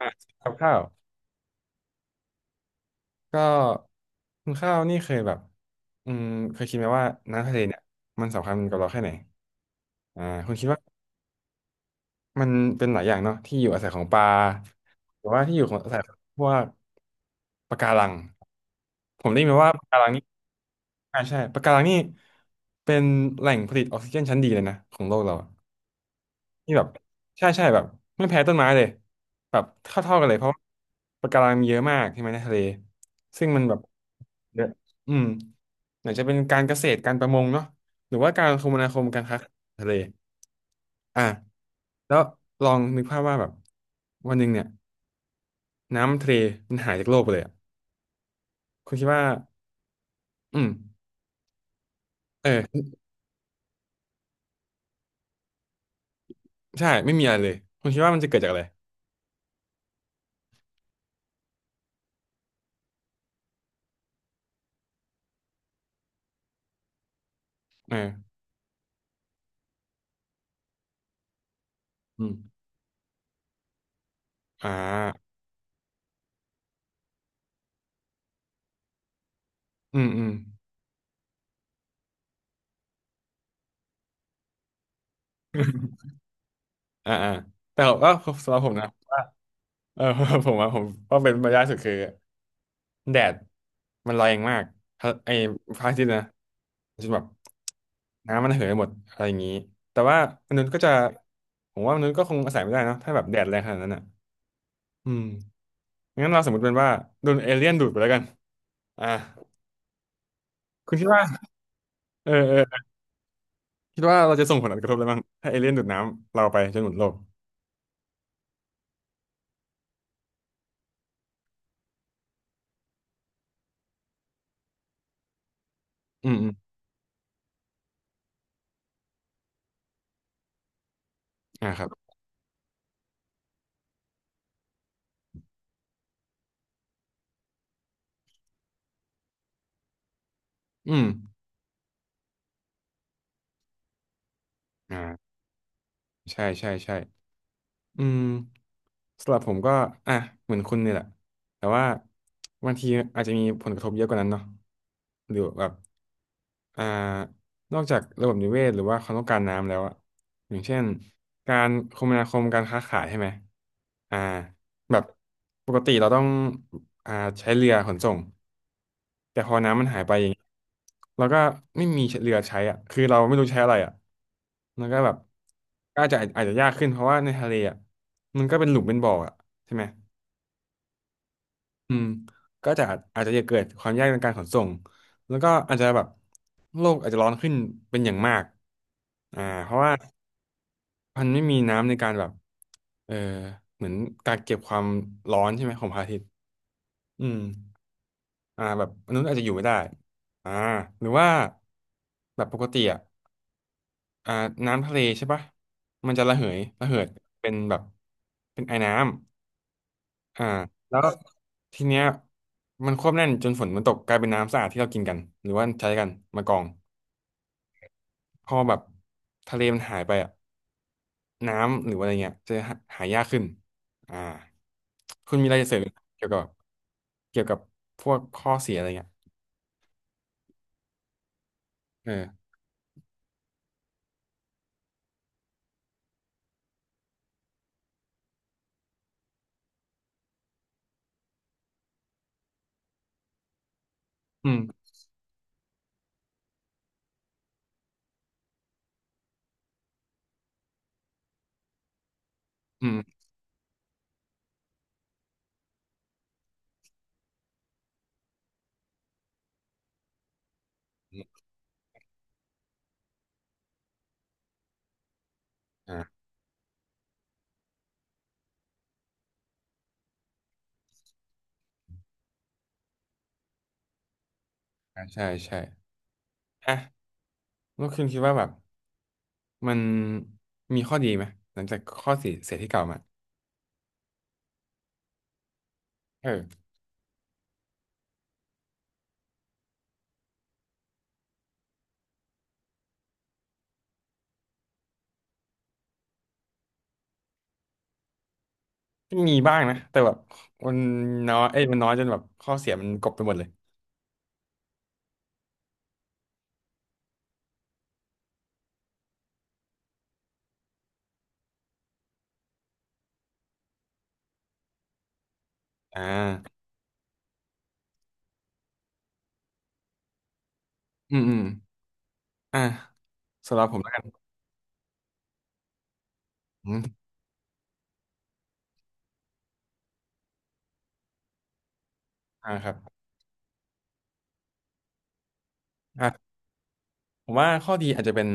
อ่ะกับข้าวก็คุณข้าวนี่เคยแบบอืมเคยคิดไหมว่าน้ำทะเลเนี่ยมันสำคัญกับเราแค่ไหนคุณคิดว่ามันเป็นหลายอย่างเนาะที่อยู่อาศัยของปลาหรือว่าที่อยู่ของอาศัยของพวกปะการังผมได้ยินมาว่าปะการังนี่ใช่ปะการังนี่เป็นแหล่งผลิตออกซิเจนชั้นดีเลยนะของโลกเราอะนี่แบบใช่แบบไม่แพ้ต้นไม้เลยแบบเท่าๆกันเลยเพราะว่าปะการังมีเยอะมากใช่ไหมในทะเลซึ่งมันแบบ เนี่ยอืมไหนจะเป็นการเกษตรการประมงเนาะหรือว่าการคมนาคมการค้าทะเลอ่ะแล้วลองนึกภาพว่าแบบวันหนึ่งเนี่ยน้ำทะเลมันหายจากโลกไปเลยอ่ะคุณคิดว่าอืมเออใช่ไม่มีอะไรเลย คุณคิดว่ามันจะเกิดจากอะไรเอออืมอ่าอืมอืมอ่าอ่าแต่ว่าสำหรับผมนะเออ ผมว่าเป็นมารยาทสุดคือ แดดมันแรงมากฮะไอ้พระอาทิตย์นะจนแบบน้ำมันเหินหมดอะไรอย่างนี้แต่ว่ามนุษย์ก็จะผมว่ามนุษย์ก็คงอาศัยไม่ได้เนอะถ้าแบบแดดแรงขนาดนั้นอ่ะอืมงั้นเราสมมติเป็นว่าโดนเอเลี่ยนดูดไปแล้วกันอ่าคุณคิดว่าเออเออคิดว่าเราจะส่งผลกระทบอะไรบ้างถ้าเอเลี่ยนดูดน้ำเราไปจนหมดโลกอืมอืมอ่าครับอืมอ่าใช่ใช่ใช่ อืมสำหรับผมก็อ่ะเหมือนคุณเนี่ยแหละแต่ว่าบางทีอาจจะมีผลกระทบเยอะกว่านั้นเนาะหรือแบบ อ่านอกจากระบบนิเวศหรือว่าความต้องการน้ำแล้วอะอย่างเช่นการคมนาคมการค้าขายใช่ไหมอ่าแบบปกติเราต้องอ่าใช้เรือขนส่งแต่พอน้ำมันหายไปอย่างเงี้ยเราก็ไม่มีเรือใช้อ่ะคือเราไม่รู้ใช้อะไรอ่ะมันก็แบบก็อาจจะยากขึ้นเพราะว่าในทะเลอ่ะมันก็เป็นหลุมเป็นบ่ออ่ะใช่ไหม อืมก็จะอาจจะเกิดความยากในการขนส่งแล้วก็อาจจะแบบโลกอาจจะร้อนขึ้นเป็นอย่างมากเพราะว่ามันไม่มีน้ำในการแบบเออเหมือนกักเก็บความร้อนใช่ไหมของพระอาทิตย์อืมแบบมนุษย์อาจจะอยู่ไม่ได้อ่าหรือว่าแบบปกติอ่ะอ่าน้ำทะเลใช่ปะมันจะระเหยระเหิดเป็นแบบเป็นไอน้ำ อ่าแล้วทีเนี้ยมันควบแน่นจนฝนมันตกกลายเป็นน้ำสะอาดที่เรากินกันหรือว่าใช้กันมากรองพอแบบทะเลมันหายไปอ่ะน้ำหรือว่าอะไรเงี้ยจะหาหายากขึ้นอ่าคุณมีอะไรจะเสริมเกี่ยวกับเกี่ยวกับพวกข้อเสียอะไรเงี้ยเอออืมอืมอืมอ่าใช่ใช่อ่ะแล้วคุณคิดว่าแบบมันมีข้อดีไหมหลังจากข้อเสียที่กล่าวมาเออ มีบ้างนะแต่แบบมันน้อยจนแบบข้อเสียมันกลบไปหมดเลยอ่าอืมอืมอ่าสำหรับผมแล้วกันอืมอ่าครับอ่ะผมว่าข้อดีอาจจะเป็น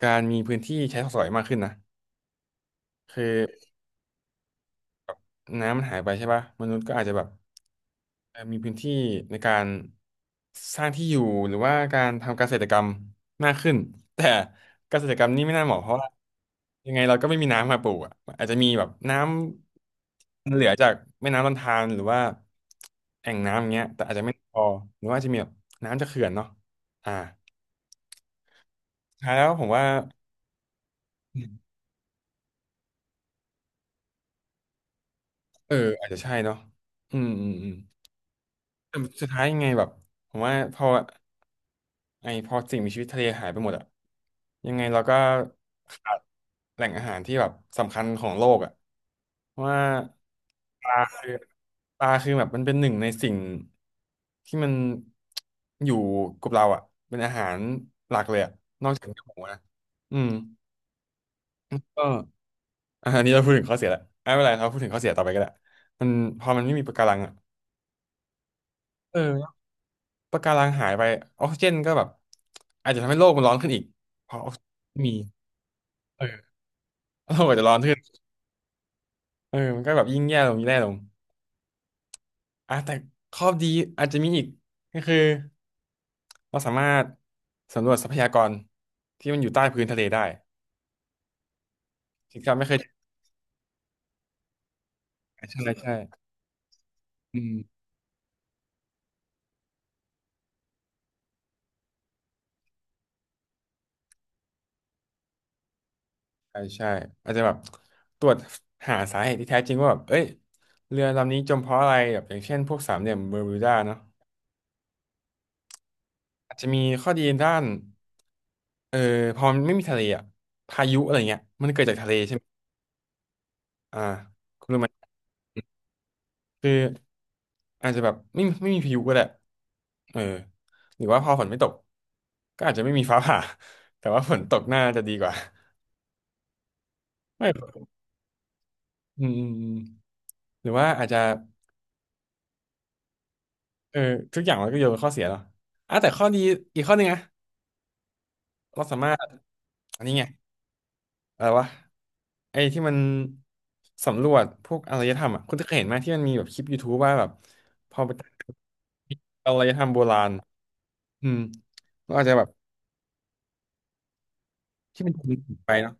การมีพื้นที่ใช้สอยมากขึ้นนะคือน้ำมันหายไปใช่ป่ะมนุษย์ก็อาจจะแบบ มีพื้นที่ในการสร้างที่อยู่หรือว่าการทำเกษตรกรรมมากขึ้น แต่เกษตรกรรมนี่ไม่น่าเหมาะเพราะว่ายังไงเราก็ไม่มีน้ำมาปลูกอ่ะอาจจะมีแบบน้ำเหลือจากแม่น้ำลำธารหรือว่าแอ่งน้ำอย่างเงี้ยแต่อาจจะไม่พอหรือว่าจะมีแบบน้ำจากเขื่อนเนาะอ่าสุดท้ายแล้วผมว่าเอออาจจะใช่เนาะอืมอืมอืมแต่สุดท้ายยังไงแบบผมว่าพอ พอสิ่งมีชีวิตทะเลหายไปหมดอะยังไงเราก็ขาดแหล่งอาหารที่แบบสำคัญของโลกอะเพราะว่าปลาคือปลาคือแบบมันเป็นหนึ่งในสิ่งที่มันอยู่กับเราอะเป็นอาหารหลักเลยอะนอกจากเนื้อหมูนะอืมก็อะอันนี้เราพูดถึงข้อเสียแล้วไม่เป็นไรเราพูดถึงข้อเสียต่อไปก็ได้มันพอมันไม่มีปะการังอะเออปะการังหายไปออกซิเจนก็แบบอาจจะทำให้โลกมันร้อนขึ้นอีกเพราะออกซิเจนมีเออโลกอาจจะร้อนขึ้น เออมันก็แบบยิ่งแย่ลงแย่ลงอ่ะแต่ข้อดีอาจจะมีอีกก็คือเราสามารถสำรวจทรัพยากรที่มันอยู่ใต้พื้นทะเลได้ที่เราไม่เคยใช่ใช่อืมใช่ใช่อาจจะแบบตรวจหาสาเหตุที่แท้จริงว่าแบบเอ้ยเรือลำนี้จมเพราะอะไรแบบอย่างเช่นพวกสามเหลี่ยมเบอร์มิวดาเนาะอาจจะมีข้อดีด้านเออพอมันไม่มีทะเลอะพายุอะไรเงี้ยมันเกิดจากทะเลใช่ไหมอ่าคุณรู้ไหมคือ อาจจะแบบไม่มีพายุก็ได้เออหรือว่าพอฝนไม่ตก ก็อาจจะไม่มีฟ้าผ่า แต่ว่าฝนตกน่าจะดีกว่า ไม่อืมหรือว่าอาจจะ เออ ทุกอย่างมันก็โยนเป็นข้อเสียเนาะอ่ะแต่ข้อดีอีกข้อหนึงนะเราสามารถ อันนี้ไงอะไรวะไอ้ที่มันสำรวจพวกอารยธรรมอ่ะคุณจะเคยเห็นไหมที่มันมีแบบคลิป YouTube ว่าแบบพอไปอารยธรรมโบราณอืมเราอาจจะแบบที่มันถูกไปเนาะ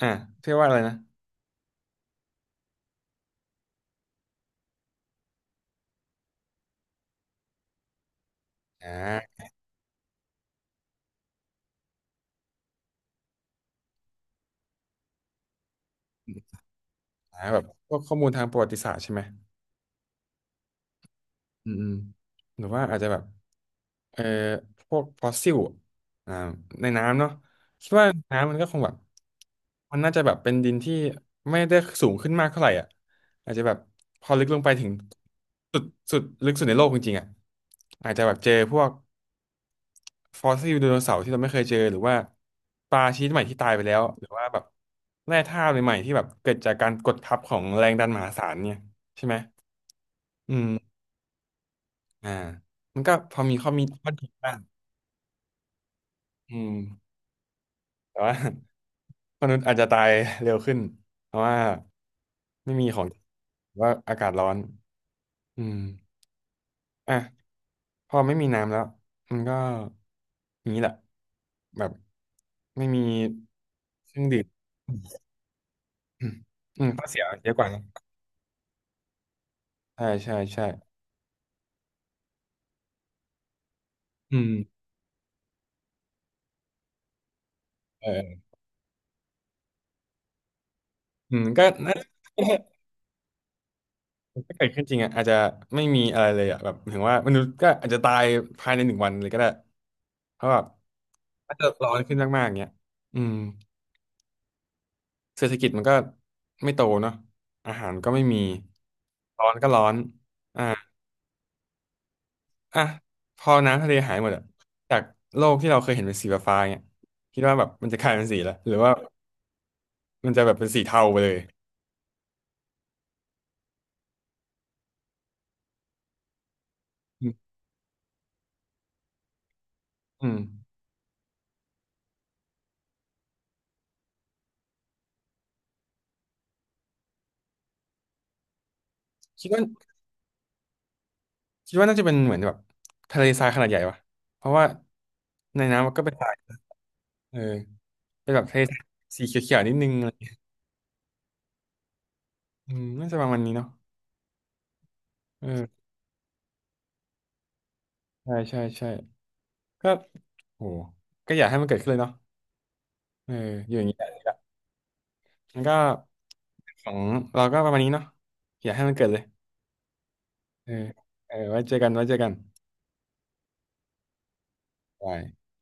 อ่ะเรียกว่าอะไรนะอ่า หาแบบพวกข้อมูลทางประวัติศาสตร์ใช่ไหมอืมอืมหรือว่าอาจจะแบบเอ่อพวกฟอสซิลอ่าในน้ำเนาะคิดว่าน้ำมันก็คงแบบมันน่าจะแบบเป็นดินที่ไม่ได้สูงขึ้นมากเท่าไหร่อ่ะอาจจะแบบพอลึกลงไปถึงสุดสุดลึกสุดในโลกจริงๆอ่ะอาจจะแบบเจอพวกฟอสซิลไดโนเสาร์ที่เราไม่เคยเจอหรือว่าปลาชนิดใหม่ที่ตายไปแล้วหรือว่าแบบแร่ธาตุใหม่ๆที่แบบเกิดจากการกดทับของแรงดันมหาศาลเนี่ยใช่ไหมอืม อ่ามันก็พอมีข้อดีบ้างอืมแต่ว่า มนุษย์อาจจะตายเร็วขึ้นเพราะว่าไม่มีของหรือว่าอากาศร้อนอืมอ่ะพอไม่มีน้ำแล้วมันก็อย่างนี้แหละแบบไม่มีเครื่องดื่มอืมอืมข้อเสียเยอะกว่านะใช่ใช่ใช่อืมเอออืมก็น่า ถ้าเกิดขึ้นจริงอ่ะอาจจะไม่มีอะไรเลยอ่ะแบบถึงว่ามนุษย์ก็อาจจะตายภายใน1 วันเลยก็ได้เพราะแบบถ้าเกิดร้อนขึ้นมากๆอย่างเงี้ยอืมเศรษฐกิจมันก็ไม่โตเนาะอาหารก็ไม่มีร้อนก็ร้อนอ่ะพอน้ำทะเลหายหมดอ่ะจากโลกที่เราเคยเห็นเป็นสีฟ้าๆเงี้ยคิดว่าแบบมันจะกลายเป็นสีละหรือว่ามันจะแบบเป็นสีเทาไปเลยอืมอืมคิดว่าคิดว่าน่าจะเป็นเหมือนแบบทะเลทรายขนาดใหญ่ปะเพราะว่าในน้ำมันก็เป็นทรายเออ เป็นแบบเทสสีเขียวๆนิดนึงอะไรอืมน่าจะประมาณนี้เนาะเออใช่ใช่ใช่ก็โหก็อยากให้มันเกิดขึ้นเลยเนาะเอออยู่อย่างนี้แหละแล้วก็ของเราก็ประมาณนี้เนาะอยากให้มันเกิดเลยเออเออไว้เจอกันไว้เจอกันบาย